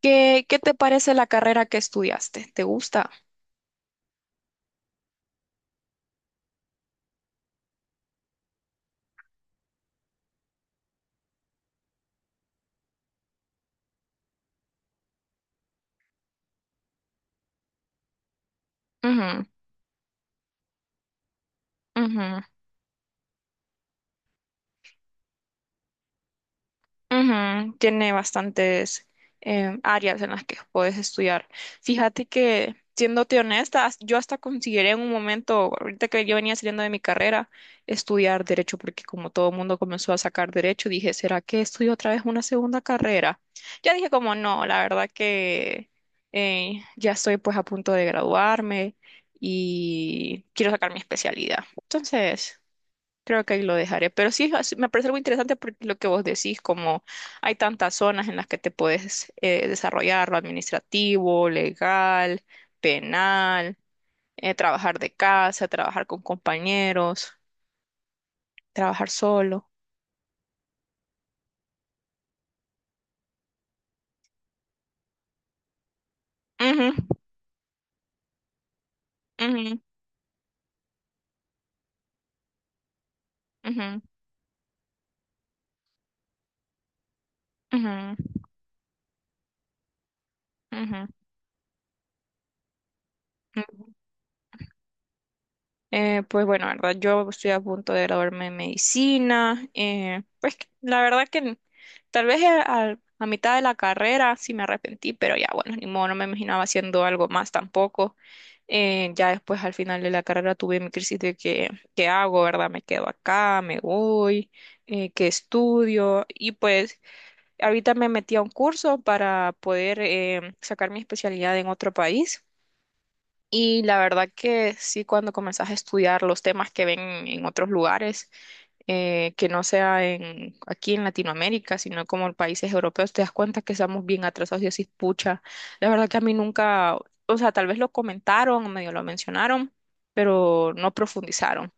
¿Qué te parece la carrera que estudiaste? ¿Te gusta? Ujú, ujú. Ujú. Tiene bastantes áreas en las que puedes estudiar. Fíjate que, siéndote honesta, yo hasta consideré en un momento, ahorita que yo venía saliendo de mi carrera, estudiar derecho, porque como todo el mundo comenzó a sacar derecho, dije, ¿será que estudio otra vez una segunda carrera? Ya dije como no, la verdad que ya estoy pues a punto de graduarme y quiero sacar mi especialidad. Entonces. Creo que ahí lo dejaré. Pero sí, me parece algo interesante porque lo que vos decís, como hay tantas zonas en las que te puedes desarrollar, lo administrativo, legal, penal, trabajar de casa, trabajar con compañeros, trabajar solo. Ujú, ujú, ujú, ujú, ujú. Pues bueno, la verdad, yo estoy a punto de graduarme en medicina. Pues la verdad que tal vez a mitad de la carrera sí me arrepentí, pero ya bueno, ni modo, no me imaginaba haciendo algo más tampoco. Ya después al final de la carrera tuve mi crisis de que, ¿qué hago, verdad? Me quedo acá, me voy, ¿qué estudio? Y pues ahorita me metí a un curso para poder sacar mi especialidad en otro país. Y la verdad que sí, cuando comenzás a estudiar los temas que ven en otros lugares, que no sea en, aquí en Latinoamérica, sino como en países europeos, te das cuenta que estamos bien atrasados y así, pucha. La verdad que a mí nunca, o sea, tal vez lo comentaron, medio lo mencionaron, pero no profundizaron.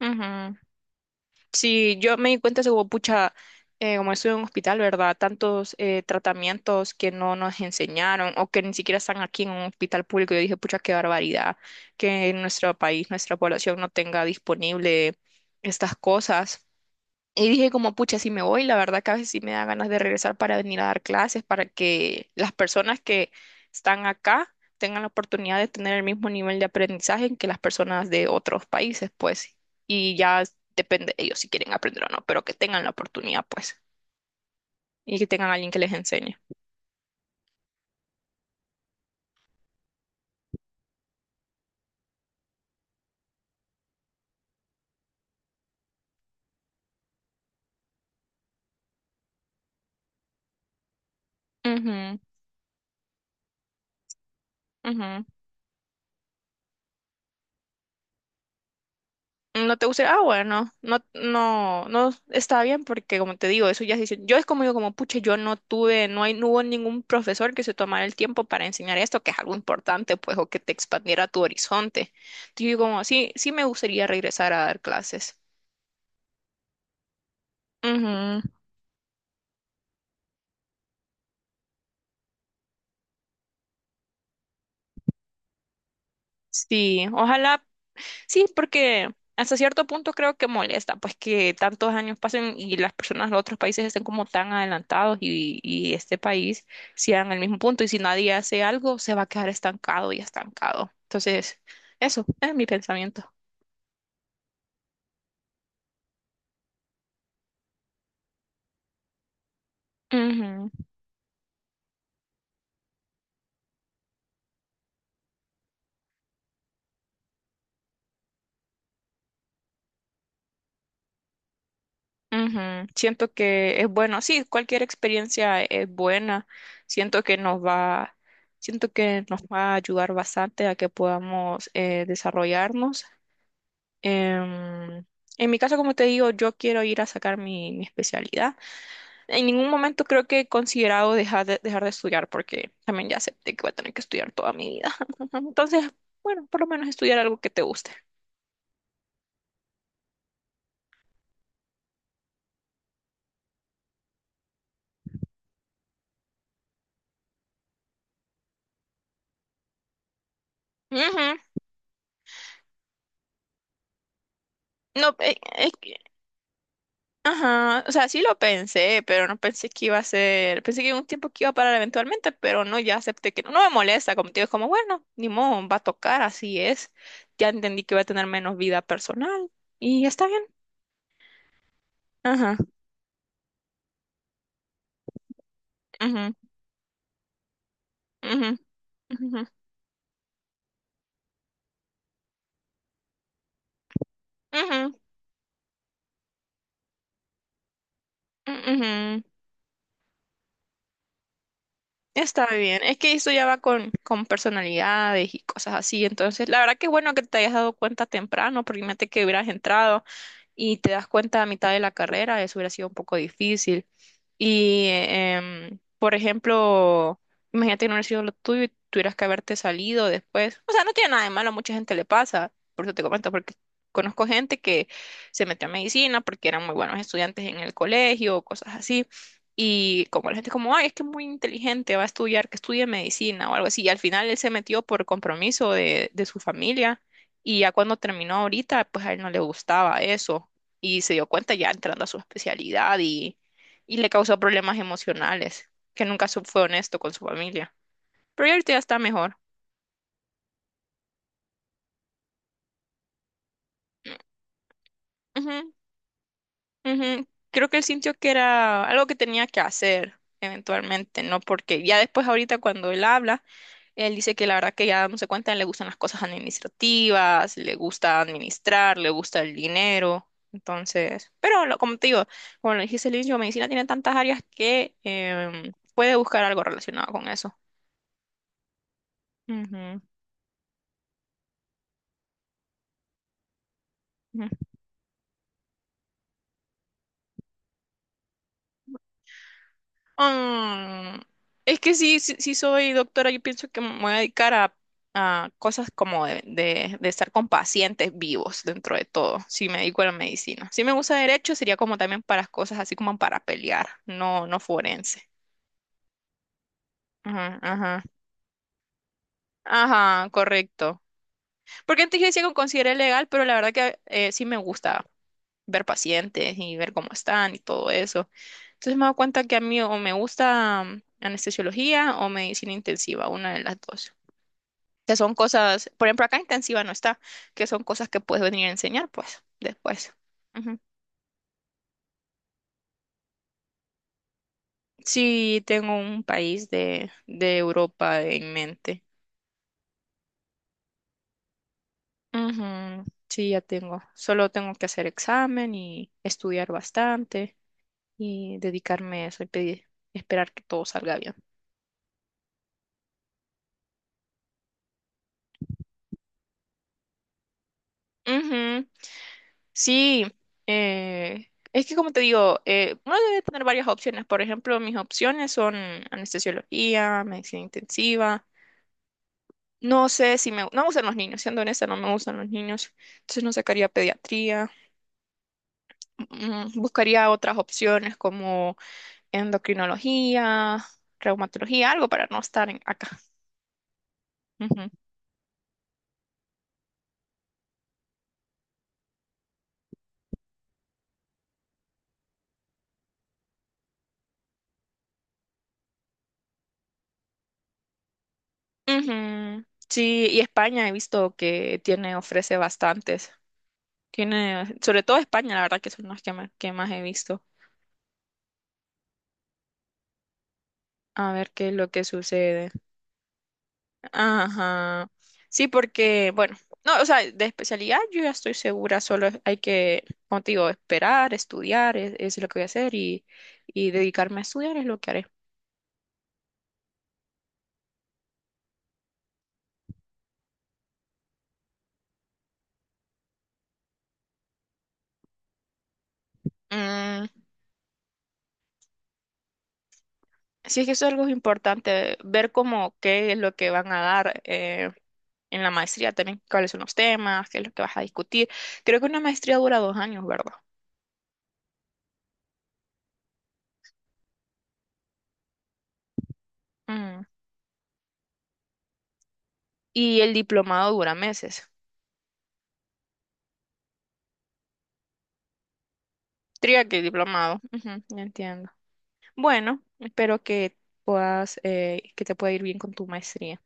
Ujú. Sí, yo me di cuenta, eso como pucha, como estuve en un hospital, ¿verdad? Tantos tratamientos que no nos enseñaron o que ni siquiera están aquí en un hospital público. Yo dije, pucha, qué barbaridad que en nuestro país, nuestra población no tenga disponible estas cosas. Y dije como, pucha, si me voy, la verdad que a veces sí me da ganas de regresar para venir a dar clases, para que las personas que están acá tengan la oportunidad de tener el mismo nivel de aprendizaje que las personas de otros países, pues. Y ya depende de ellos si quieren aprender o no, pero que tengan la oportunidad, pues. Y que tengan alguien que les enseñe. Ujú, ujú. No te gusta, ah, bueno, no, no, no está bien porque como te digo, eso ya se hizo. Yo es como digo, como pucha, yo no tuve, no hay, no hubo ningún profesor que se tomara el tiempo para enseñar esto, que es algo importante, pues, o que te expandiera tu horizonte. Yo digo como, sí, sí me gustaría regresar a dar clases. Ujú. Sí, ojalá. Sí, porque hasta cierto punto creo que molesta, pues que tantos años pasen y las personas de otros países estén como tan adelantados y este país siga en el mismo punto y si nadie hace algo se va a quedar estancado y estancado. Entonces, eso es mi pensamiento. Ujú, ujú. Siento que es bueno, sí, cualquier experiencia es buena. Siento que nos va, Siento que nos va a ayudar bastante a que podamos desarrollarnos. Em, en mi caso, como te digo, yo quiero ir a sacar mi especialidad. En ningún momento creo que he considerado dejar de estudiar porque también ya acepté que voy a tener que estudiar toda mi vida. Entonces, bueno, por lo menos estudiar algo que te guste. Ujú. No, ajá, o sea, sí lo pensé, pero no pensé que iba a ser, pensé que iba un tiempo que iba a parar eventualmente, pero no, ya acepté que no, no me molesta, como te digo, es como, bueno, ni modo, va a tocar, así es, ya entendí que voy a tener menos vida personal y está bien, ajá. Ujú, ujú, ujú, ujú, ujú. Está bien. Es que eso ya va con personalidades y cosas así. Entonces, la verdad que es bueno que te hayas dado cuenta temprano, porque imagínate que hubieras entrado y te das cuenta a mitad de la carrera, eso hubiera sido un poco difícil. Y, por ejemplo, imagínate que no hubiera sido lo tuyo y tuvieras que haberte salido después. O sea, no tiene nada de malo, a mucha gente le pasa, por eso te comento, porque conozco gente que se metió a medicina porque eran muy buenos estudiantes en el colegio o cosas así. Y como la gente como, ay, es que es muy inteligente, va a estudiar, que estudie medicina o algo así. Y al final él se metió por compromiso de su familia y ya cuando terminó ahorita, pues a él no le gustaba eso y se dio cuenta ya entrando a su especialidad y le causó problemas emocionales, que nunca fue honesto con su familia. Pero ya ahorita ya está mejor. Ujú, ujú. Creo que él sintió que era algo que tenía que hacer eventualmente, ¿no? Porque ya después ahorita cuando él habla, él dice que la verdad que ya dándose cuenta le gustan las cosas administrativas, le gusta administrar, le gusta el dinero. Entonces, pero lo- como te digo, como lo dijiste al inicio, medicina tiene tantas áreas que puede buscar algo relacionado con eso. Ujú, ujú. Mm, es que sí, sí, sí soy doctora, yo pienso que me voy a dedicar a, cosas como de, de estar con pacientes vivos dentro de todo, si me dedico a la medicina. Si me gusta derecho, sería como también para cosas así como para pelear, no, no forense. Ajá, ajá. Ajá, correcto. Porque antes yo decía que lo consideré legal, pero la verdad que sí me gusta ver pacientes y ver cómo están y todo eso. Entonces me he dado cuenta que a mí o me gusta anestesiología o medicina intensiva, una de las dos. Que son cosas, por ejemplo, acá intensiva no está, que son cosas que puedes venir a enseñar, pues, después. Ujú. Sí, tengo un país de Europa en mente. Ujú. Sí, ya tengo. Solo tengo que hacer examen y estudiar bastante y dedicarme a eso y pedir, esperar que todo salga bien. Ujú. Sí, es que como te digo, uno debe tener varias opciones. Por ejemplo, mis opciones son anestesiología, medicina intensiva. No sé si me. No me gustan los niños, siendo honesta, no me gustan los niños. Entonces no sacaría pediatría. Mm. Buscaría otras opciones como endocrinología, reumatología, algo para no estar acá. Ujú. Ujú. Sí, y España he visto que tiene, ofrece bastantes. Tiene, sobre todo España, la verdad que son las que, que más he visto. A ver qué es lo que sucede. Ajá. Sí, porque, bueno, no, o sea, de especialidad yo ya estoy segura, solo hay que, como te digo, esperar, estudiar, es lo que voy a hacer y dedicarme a estudiar es lo que haré. Mm, sí, es que eso es algo importante, ver cómo qué es lo que van a dar en la maestría también, cuáles son los temas, qué es lo que vas a discutir. Creo que una maestría dura 2 años, ¿verdad? Mm. Y el diplomado dura meses. Tría que el diplomado. Ujú, ya entiendo. Bueno, espero que puedas, que te pueda ir bien con tu maestría.